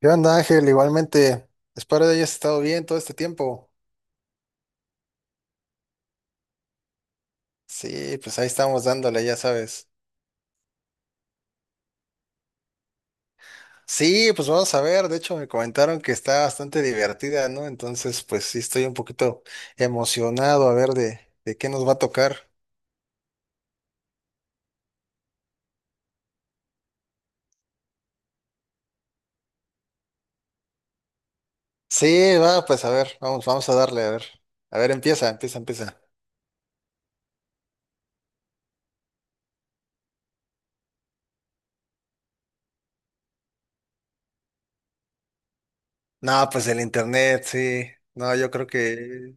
¿Qué onda, Ángel? Igualmente, espero que hayas estado bien todo este tiempo. Sí, pues ahí estamos dándole, ya sabes. Sí, pues vamos a ver, de hecho me comentaron que está bastante divertida, ¿no? Entonces, pues sí, estoy un poquito emocionado a ver de qué nos va a tocar. Sí, va, pues a ver, vamos, vamos a darle, a ver. A ver, empieza, empieza, empieza. No, pues el internet, sí. No, yo creo que.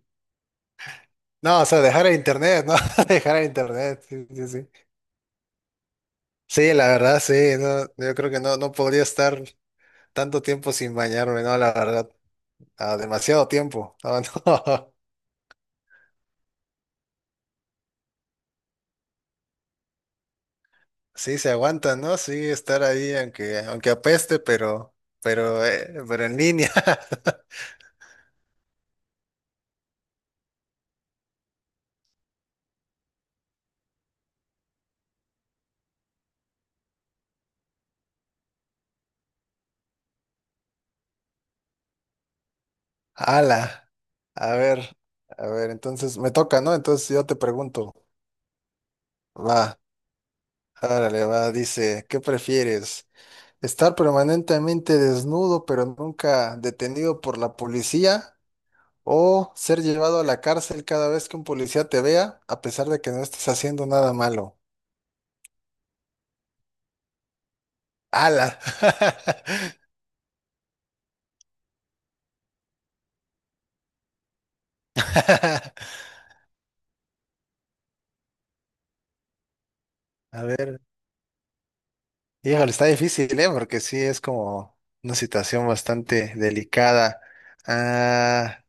No, o sea, dejar el internet, ¿no? Dejar el internet, sí, sí, sí. Sí, la verdad, sí, no, yo creo que no podría estar. Tanto tiempo sin bañarme, no, la verdad, demasiado tiempo. No. Sí, se aguanta, ¿no? Sí, estar ahí, aunque apeste, pero en línea. Ala. A ver, a ver, entonces me toca, ¿no? Entonces yo te pregunto, va, árale, va, dice, ¿qué prefieres? ¿Estar permanentemente desnudo, pero nunca detenido por la policía? O ser llevado a la cárcel cada vez que un policía te vea, a pesar de que no estés haciendo nada malo. ¡Hala! A ver, híjole, está difícil, ¿eh? Porque sí es como una situación bastante delicada. Ah,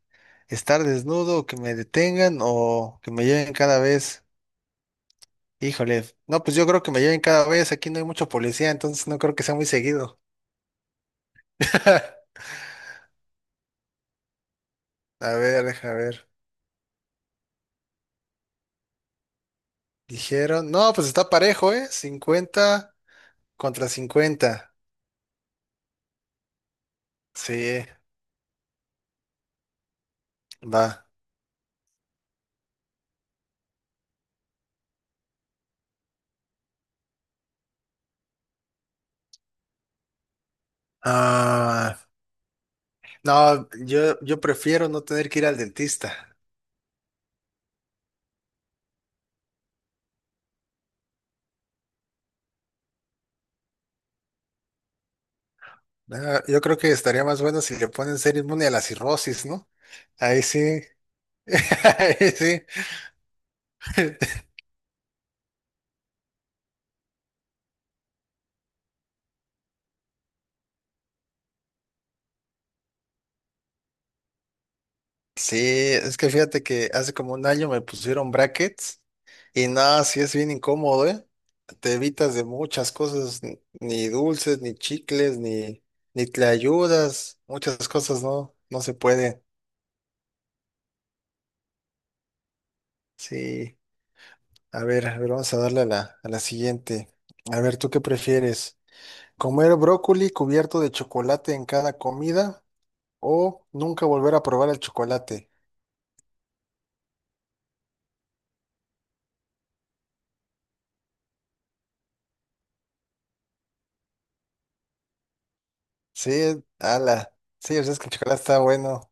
Estar desnudo, que me detengan o que me lleven cada vez. Híjole, no, pues yo creo que me lleven cada vez. Aquí no hay mucho policía, entonces no creo que sea muy seguido. A ver, deja ver. Dijeron, no, pues está parejo, ¿eh? 50-50. Sí, va. Ah, no, yo prefiero no tener que ir al dentista. Yo creo que estaría más bueno si le ponen ser inmune a la cirrosis, ¿no? Ahí sí. Ahí sí. Sí, es que fíjate que hace como un año me pusieron brackets y nada, sí es bien incómodo, ¿eh? Te evitas de muchas cosas, ni dulces, ni chicles, ni te ayudas, muchas cosas no se pueden. Sí. A ver, vamos a darle a la siguiente. A ver, ¿tú qué prefieres? ¿Comer brócoli cubierto de chocolate en cada comida o nunca volver a probar el chocolate? Sí, ala. Sí, o sea, es que el chocolate está bueno.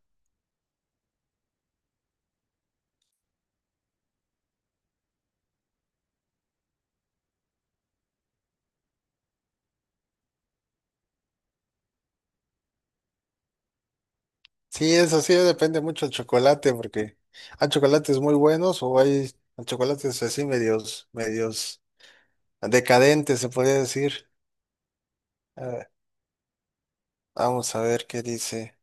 Sí, eso sí, depende mucho del chocolate, porque hay chocolates muy buenos o hay chocolates así medios, medios decadentes, se podría decir. A ver, vamos a ver qué dice.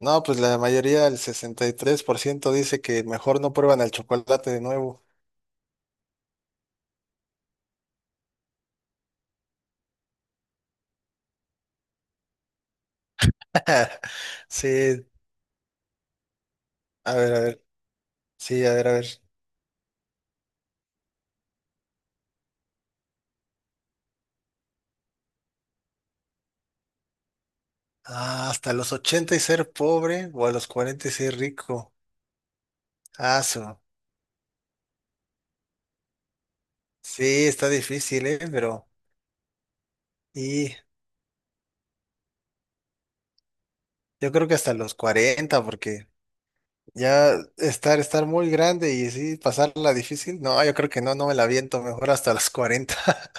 No, pues la mayoría, el 63% dice que mejor no prueban el chocolate de nuevo. Sí, a ver, a ver. Sí, a ver, a ver. Hasta los 80 y ser pobre o a los 40 y ser rico. Ah, su- Sí, está difícil, ¿eh? Y yo creo que hasta los 40, porque ya estar muy grande y sí, pasarla difícil. No, yo creo que no me la aviento, mejor hasta los 40.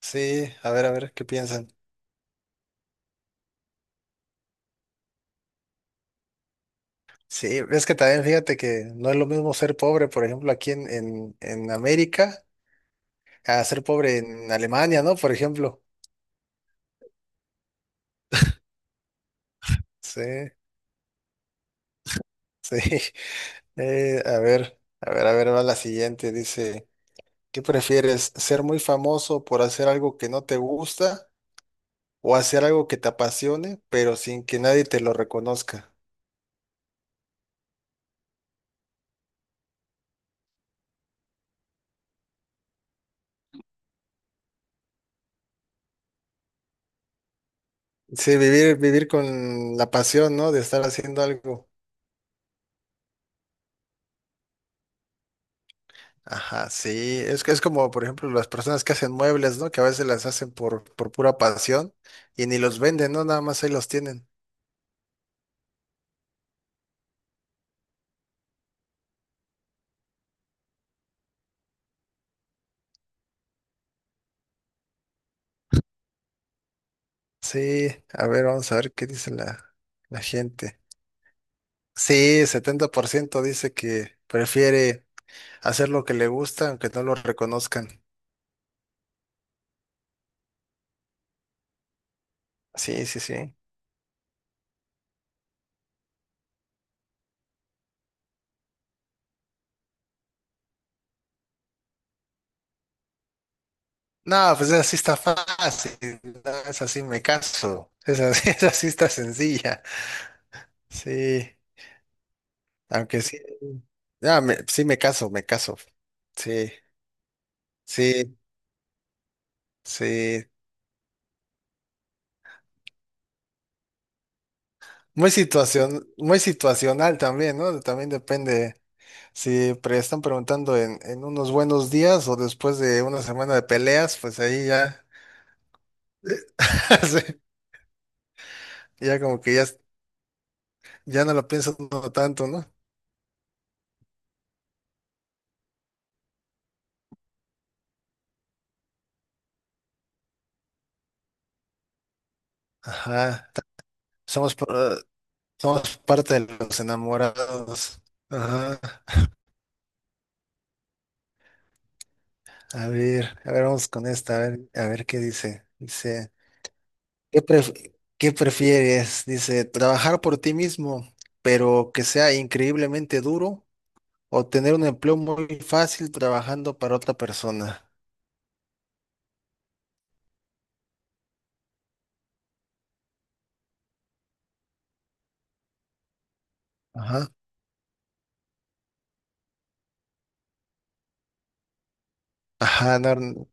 Sí, a ver, ¿qué piensan? Sí, es que también fíjate que no es lo mismo ser pobre, por ejemplo, aquí en América, a ser pobre en Alemania, ¿no? Por ejemplo. Sí, sí. A ver, a ver, a ver, va la siguiente. Dice, ¿qué prefieres? ¿Ser muy famoso por hacer algo que no te gusta o hacer algo que te apasione, pero sin que nadie te lo reconozca? Sí, vivir, vivir con la pasión, ¿no? De estar haciendo algo. Ajá, sí, es que es como, por ejemplo, las personas que hacen muebles, ¿no? Que a veces las hacen por pura pasión y ni los venden, ¿no? Nada más ahí los tienen. Sí, a ver, vamos a ver qué dice la gente. Sí, 70% dice que prefiere hacer lo que le gusta aunque no lo reconozcan. Sí, sí, sí. No, pues así está fácil, no es así me caso, es así, esa sí está sencilla. Sí, aunque sí, ya, sí me caso, me caso. Sí. Sí, sí. Muy situacional también, ¿no? También depende si están preguntando en unos buenos días o después de una semana de peleas, pues ahí ya, sí, ya como que ya no lo pienso tanto, ¿no? Ajá. Somos, pa- somos parte de los enamorados. Ajá. A ver, vamos con esta, a ver qué dice. Dice. ¿Qué prefieres? Dice, trabajar por ti mismo, pero que sea increíblemente duro, o tener un empleo muy fácil trabajando para otra persona. Ajá. Ajá, no,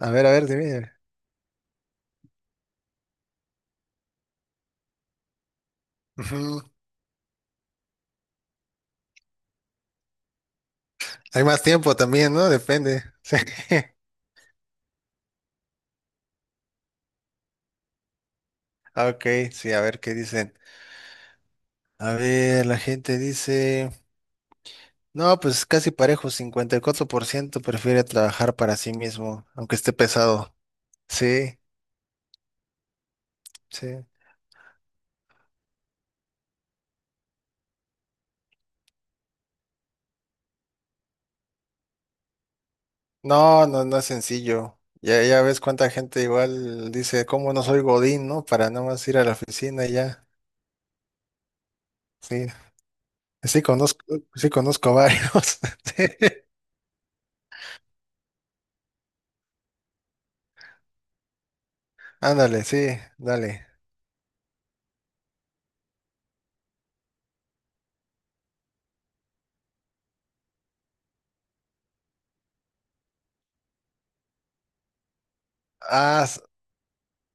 a ver, dime. Ujú. Hay más tiempo también, ¿no? Depende. Sí. Ok, sí, a ver qué dicen. A ver, la gente dice, no, pues casi parejo, 54% prefiere trabajar para sí mismo, aunque esté pesado. Sí, sí. No, no, no es sencillo. Ya ves cuánta gente igual dice, ¿cómo no soy Godín, no? Para nada más ir a la oficina y ya. Sí, sí conozco, sí conozco varios. Sí. Ándale, sí, dale. Ah, s-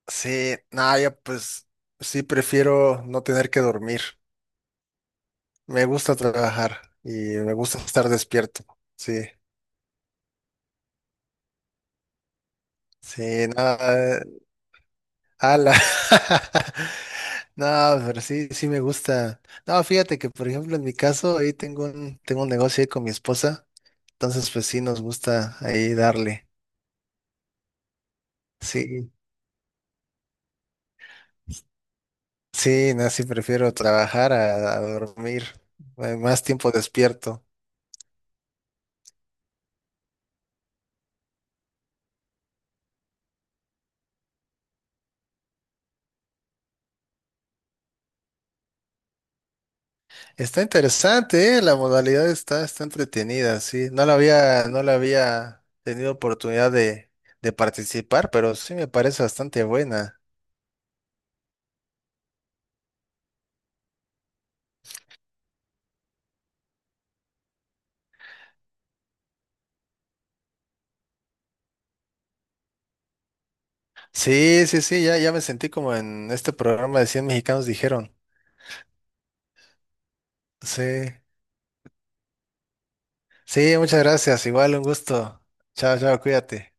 sí, nada, ya pues sí prefiero no tener que dormir. Me gusta trabajar y me gusta estar despierto. Sí, sí, nada. Ala. No, pero sí, sí me gusta. No, fíjate que, por ejemplo, en mi caso, ahí tengo un negocio ahí con mi esposa, entonces pues sí nos gusta ahí darle. Sí, sí, no, sí prefiero trabajar a dormir, más tiempo despierto. Está interesante, ¿eh? La modalidad está entretenida, sí. No la había tenido oportunidad de participar, pero sí me parece bastante buena. Sí, sí, sí, ya me sentí como en este programa de 100 mexicanos dijeron. Sí, sí, muchas gracias. Igual un gusto. Chao, chao, cuídate.